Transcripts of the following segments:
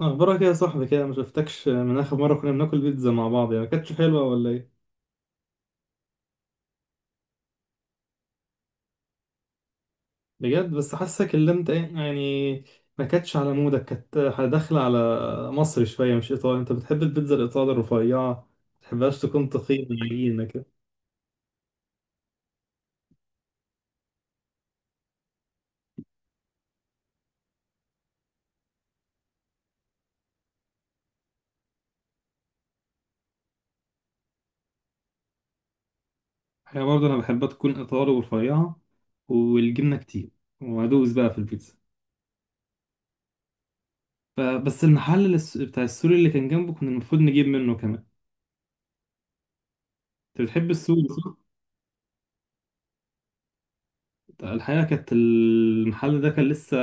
اخبارك ايه يا صاحبي كده؟ ما شفتكش من اخر مره كنا بناكل بيتزا مع بعض. يعني ما كانتش حلوه ولا ايه؟ بجد بس حاسك اللي انت ايه يعني، ما كانتش على مودك، كانت داخله على مصري شويه مش ايطالي. انت بتحب البيتزا الايطالي الرفيعه، ما تحبهاش تكون تخينه عجينه كده. هي برضه انا بحبها تكون ايطالي ورفيعه والجبنه كتير، وادوس بقى في البيتزا. بس المحل بتاع السوري اللي كان جنبه كنا المفروض نجيب منه كمان. انت بتحب السوري؟ الحقيقة كانت المحل ده كان لسه،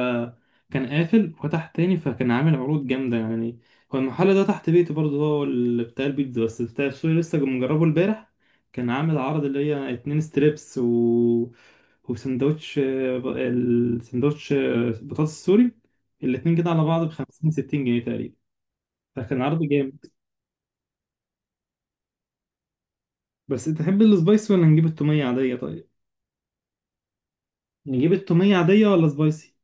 كان قافل وفتح تاني فكان عامل عروض جامدة يعني. هو المحل ده تحت بيتي برضه، هو اللي بتاع البيتزا، بس بتاع السوري لسه مجربه امبارح. كان عامل عرض اللي هي اتنين ستريبس و... وسندوتش السندوتش بطاطس سوري. الاتنين كده على بعض بخمسين ستين جنيه تقريبا. فكان عرض جامد. بس انت تحب السبايسي ولا نجيب التومية عادية طيب؟ نجيب التومية عادية ولا سبايسي؟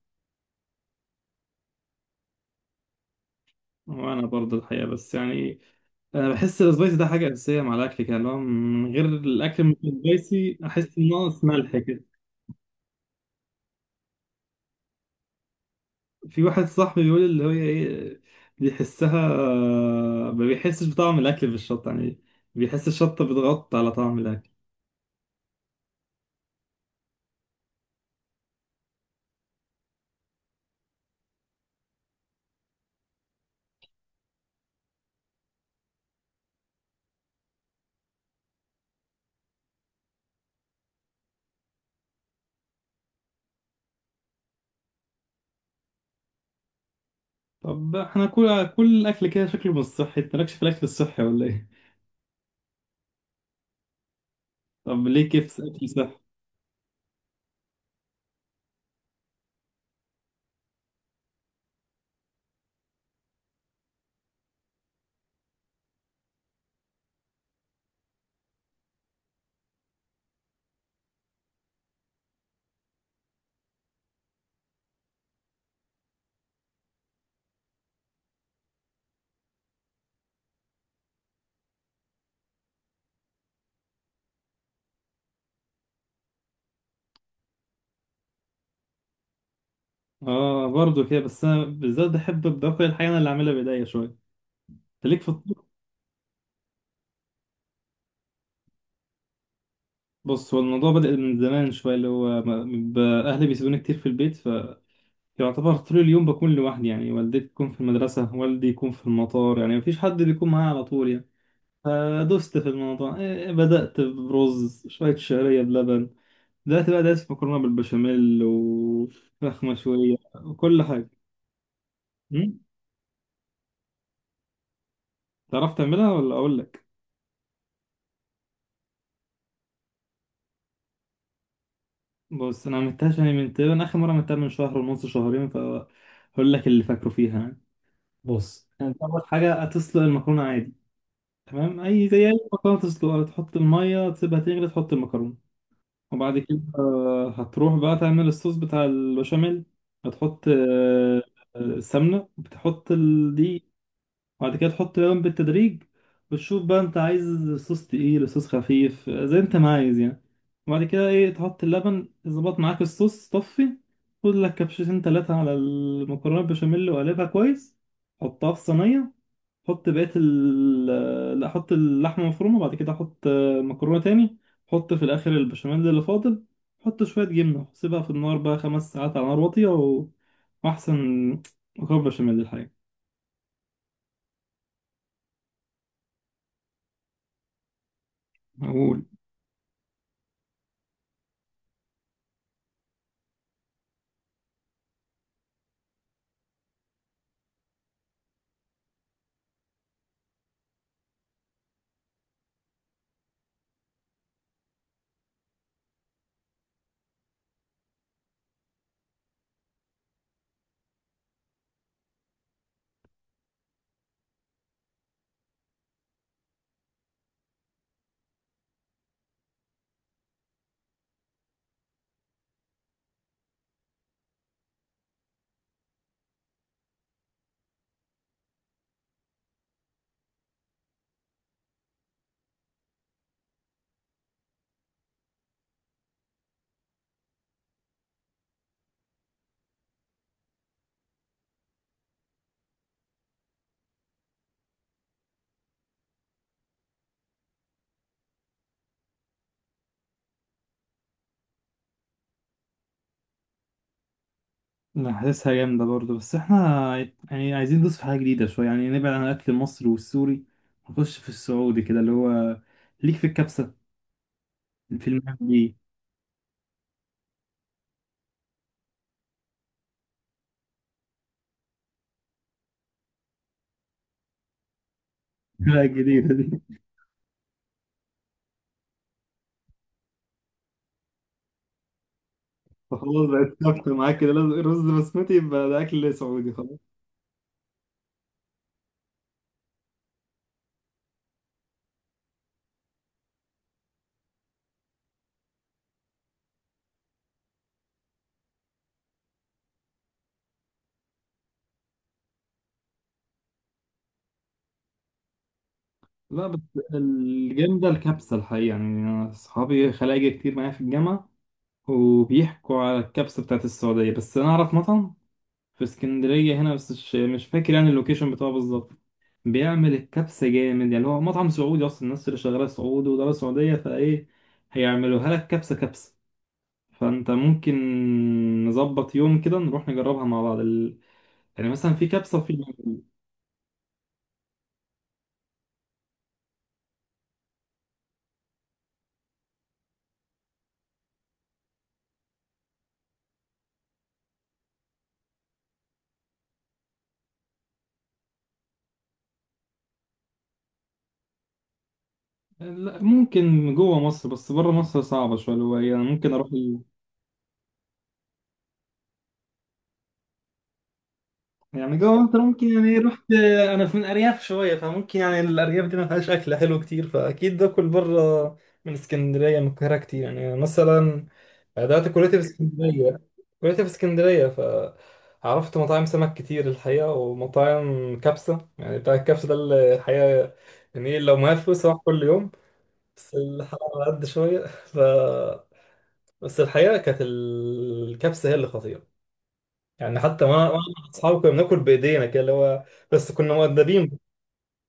وأنا برضه الحقيقة بس يعني، انا بحس السبايسي ده حاجه اساسيه مع الاكل كده، اللي هو من غير الاكل مش سبايسي احس ان ناقص ملح كده. في واحد صاحبي بيقول اللي هي ايه، بيحسها، ما بيحسش بطعم الاكل بالشطه يعني، بيحس الشطه بتغطي على طعم الاكل. طب احنا كل الاكل كده شكله مش صحي، انت مالكش في الاكل الصحي ولا ايه؟ طب ليه كيف اكل صحي؟ اه برضه كده، بس انا بالذات بحب باكل الحاجه انا اللي اعملها بايديا شويه. انت ليك في الطبخ؟ بص، هو الموضوع بدأ من زمان شوية، اللي هو ب- أهلي بيسيبوني كتير في البيت. يعتبر طول اليوم بكون لوحدي، يعني والدتي تكون في المدرسة والدي يكون في المطار، يعني مفيش حد بيكون معايا على طول يعني. فدست في الموضوع إيه، إيه، بدأت برز شوية شعرية بلبن. دلوقتي بقى دايس في مكرونة بالبشاميل وفراخ مشوية وكل حاجة. أمم، تعرف تعملها ولا أقول لك؟ بص، أنا عملتهاش يعني من تقريبا آخر مرة عملتها من شهر ونص شهرين، فهقول لك اللي فاكره فيها يعني. بص، أنت أول حاجة هتسلق المكرونة عادي. تمام، أي زي أي مكرونة تسلقها، تحط المية تسيبها تغلي تحط المكرونة. وبعد كده هتروح بقى تعمل الصوص بتاع البشاميل. هتحط سمنة، بتحط الدقيق. وبعد كده تحط لبن بالتدريج، وتشوف بقى انت عايز صوص تقيل صوص خفيف، زي انت ما عايز يعني. وبعد كده ايه تحط اللبن ظبط معاك الصوص طفي. خد لك كبشتين تلاتة على المكرونة البشاميل وقلبها كويس، حطها في صينية. حط بقية لا، حط اللحمة مفرومة، بعد كده حط مكرونة تاني. حط في الآخر البشاميل اللي فاضل، حط شوية جبنة، سيبها في النار بقى خمس ساعات على نار واطية و... وأحسن مكرونة بشاميل الحقيقة. أقول: لا، حاسسها جامدة برضه، بس احنا يعني عايزين ندوس في حاجة جديدة شوية، يعني نبعد عن الأكل المصري والسوري، نخش في السعودي كده اللي هو. ليك في الكبسة، في المهدي، الفرقة الجديدة دي؟ فخلاص بقت ثابتة معاك كده، لازم الرز بسمتي يبقى ده أكل سعودي. لا بس الجامدة الكبسة الحقيقة. يعني أنا أصحابي خلايجة كتير معايا في الجامعة، وبيحكوا على الكبسة بتاعت السعودية. بس أنا أعرف مطعم في اسكندرية هنا، بس مش فاكر يعني اللوكيشن بتاعه بالظبط. بيعمل الكبسة جامد يعني، هو مطعم سعودي أصلا، الناس اللي شغالة سعود ودولة سعودية، فإيه، هيعملوها لك كبسة كبسة. فأنت ممكن نظبط يوم كده نروح نجربها مع بعض ال... يعني مثلا في كبسة وفي... لا، ممكن جوه مصر، بس بره مصر صعبة شوية اللي هو، يعني ممكن أروح. يعني جوه مصر ممكن، يعني رحت. انا في من ارياف شويه، فممكن يعني الارياف دي ما فيهاش اكل حلو كتير، فاكيد باكل بره. من اسكندريه من القاهره كتير. يعني مثلا دلوقتي كليتي في اسكندريه. كليتي في اسكندريه، ف عرفت مطاعم سمك كتير الحقيقه ومطاعم كبسه، يعني بتاع الكبسه ده اللي الحقيقه يعني لو معايا فلوس هروح كل يوم. بس الحلقه على قد شويه ف بس الحقيقه كانت الكبسه هي اللي خطيره. يعني حتى وانا مع اصحابي كنا بناكل بايدينا كده اللي هو، بس كنا مؤدبين،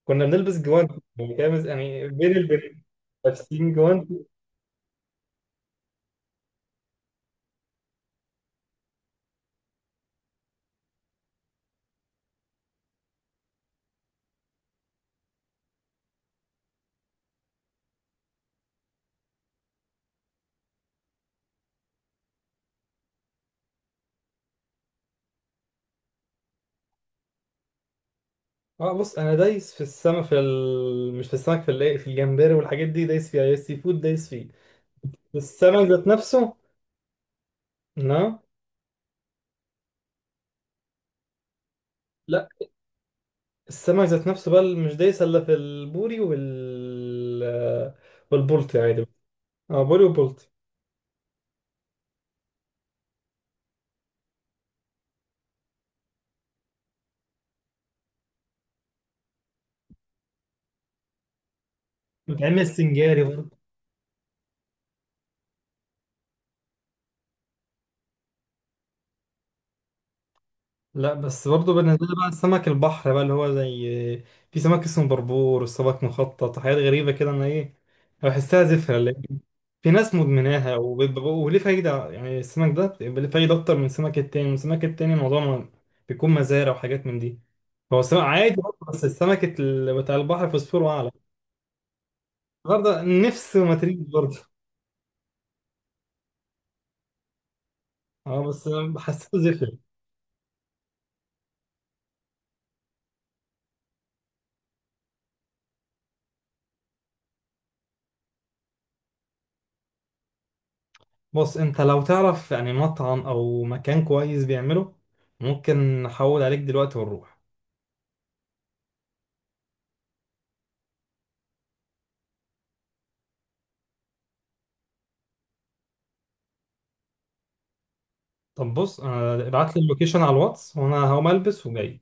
كنا بنلبس جوانتي يعني كده يعني بين البنين، لابسين جوانتي. اه بص، انا دايس في السمك في ال... مش في السمك في ال... في الجمبري والحاجات دي دايس فيها، السي فود دايس فيه. السمك ذات نفسه لا، لا السمك ذات نفسه بقى مش دايس الا في البوري والبولتي عادي. اه بوري وبولتي. بتعمل سنجاري برضه. لا بس برضه بالنسبة لي بقى سمك البحر بقى اللي هو زي، في سمك اسمه بربور والسمك مخطط وحاجات غريبة كده، أنا بحسها زفرة. اللي في ناس مدمناها وبيبقى- وليه فايدة؟ يعني السمك ده بيبقى ليه فايدة أكتر من السمك التاني، والسمك التاني الموضوع ما- بيكون مزارع وحاجات من دي. هو السمك عادي برضه، بس السمك بتاع البحر فوسفوره أعلى. برضه نفس وماتريال برضه. أه بس حسيته زفر. بص أنت لو تعرف يعني مطعم أو مكان كويس بيعمله، ممكن نحول عليك دلوقتي ونروح. طب بص، انا ابعت لي اللوكيشن على الواتس، وانا هقوم البس وجاي.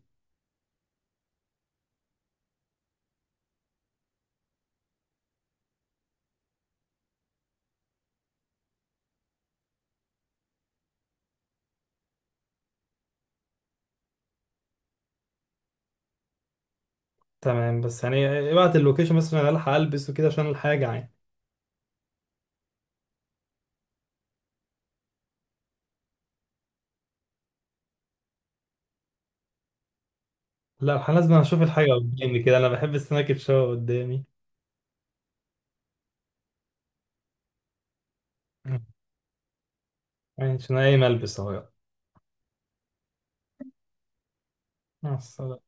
تمام، بس يعني ابعت اللوكيشن بس عشان الحق البس وكده عشان الحاجه يعني. لا، الحق لازم اشوف الحاجه قدامي كده، انا بحب السناك تشوه قدامي. مم. يعني عشان اي ملبس اهو يلا. مع السلامه.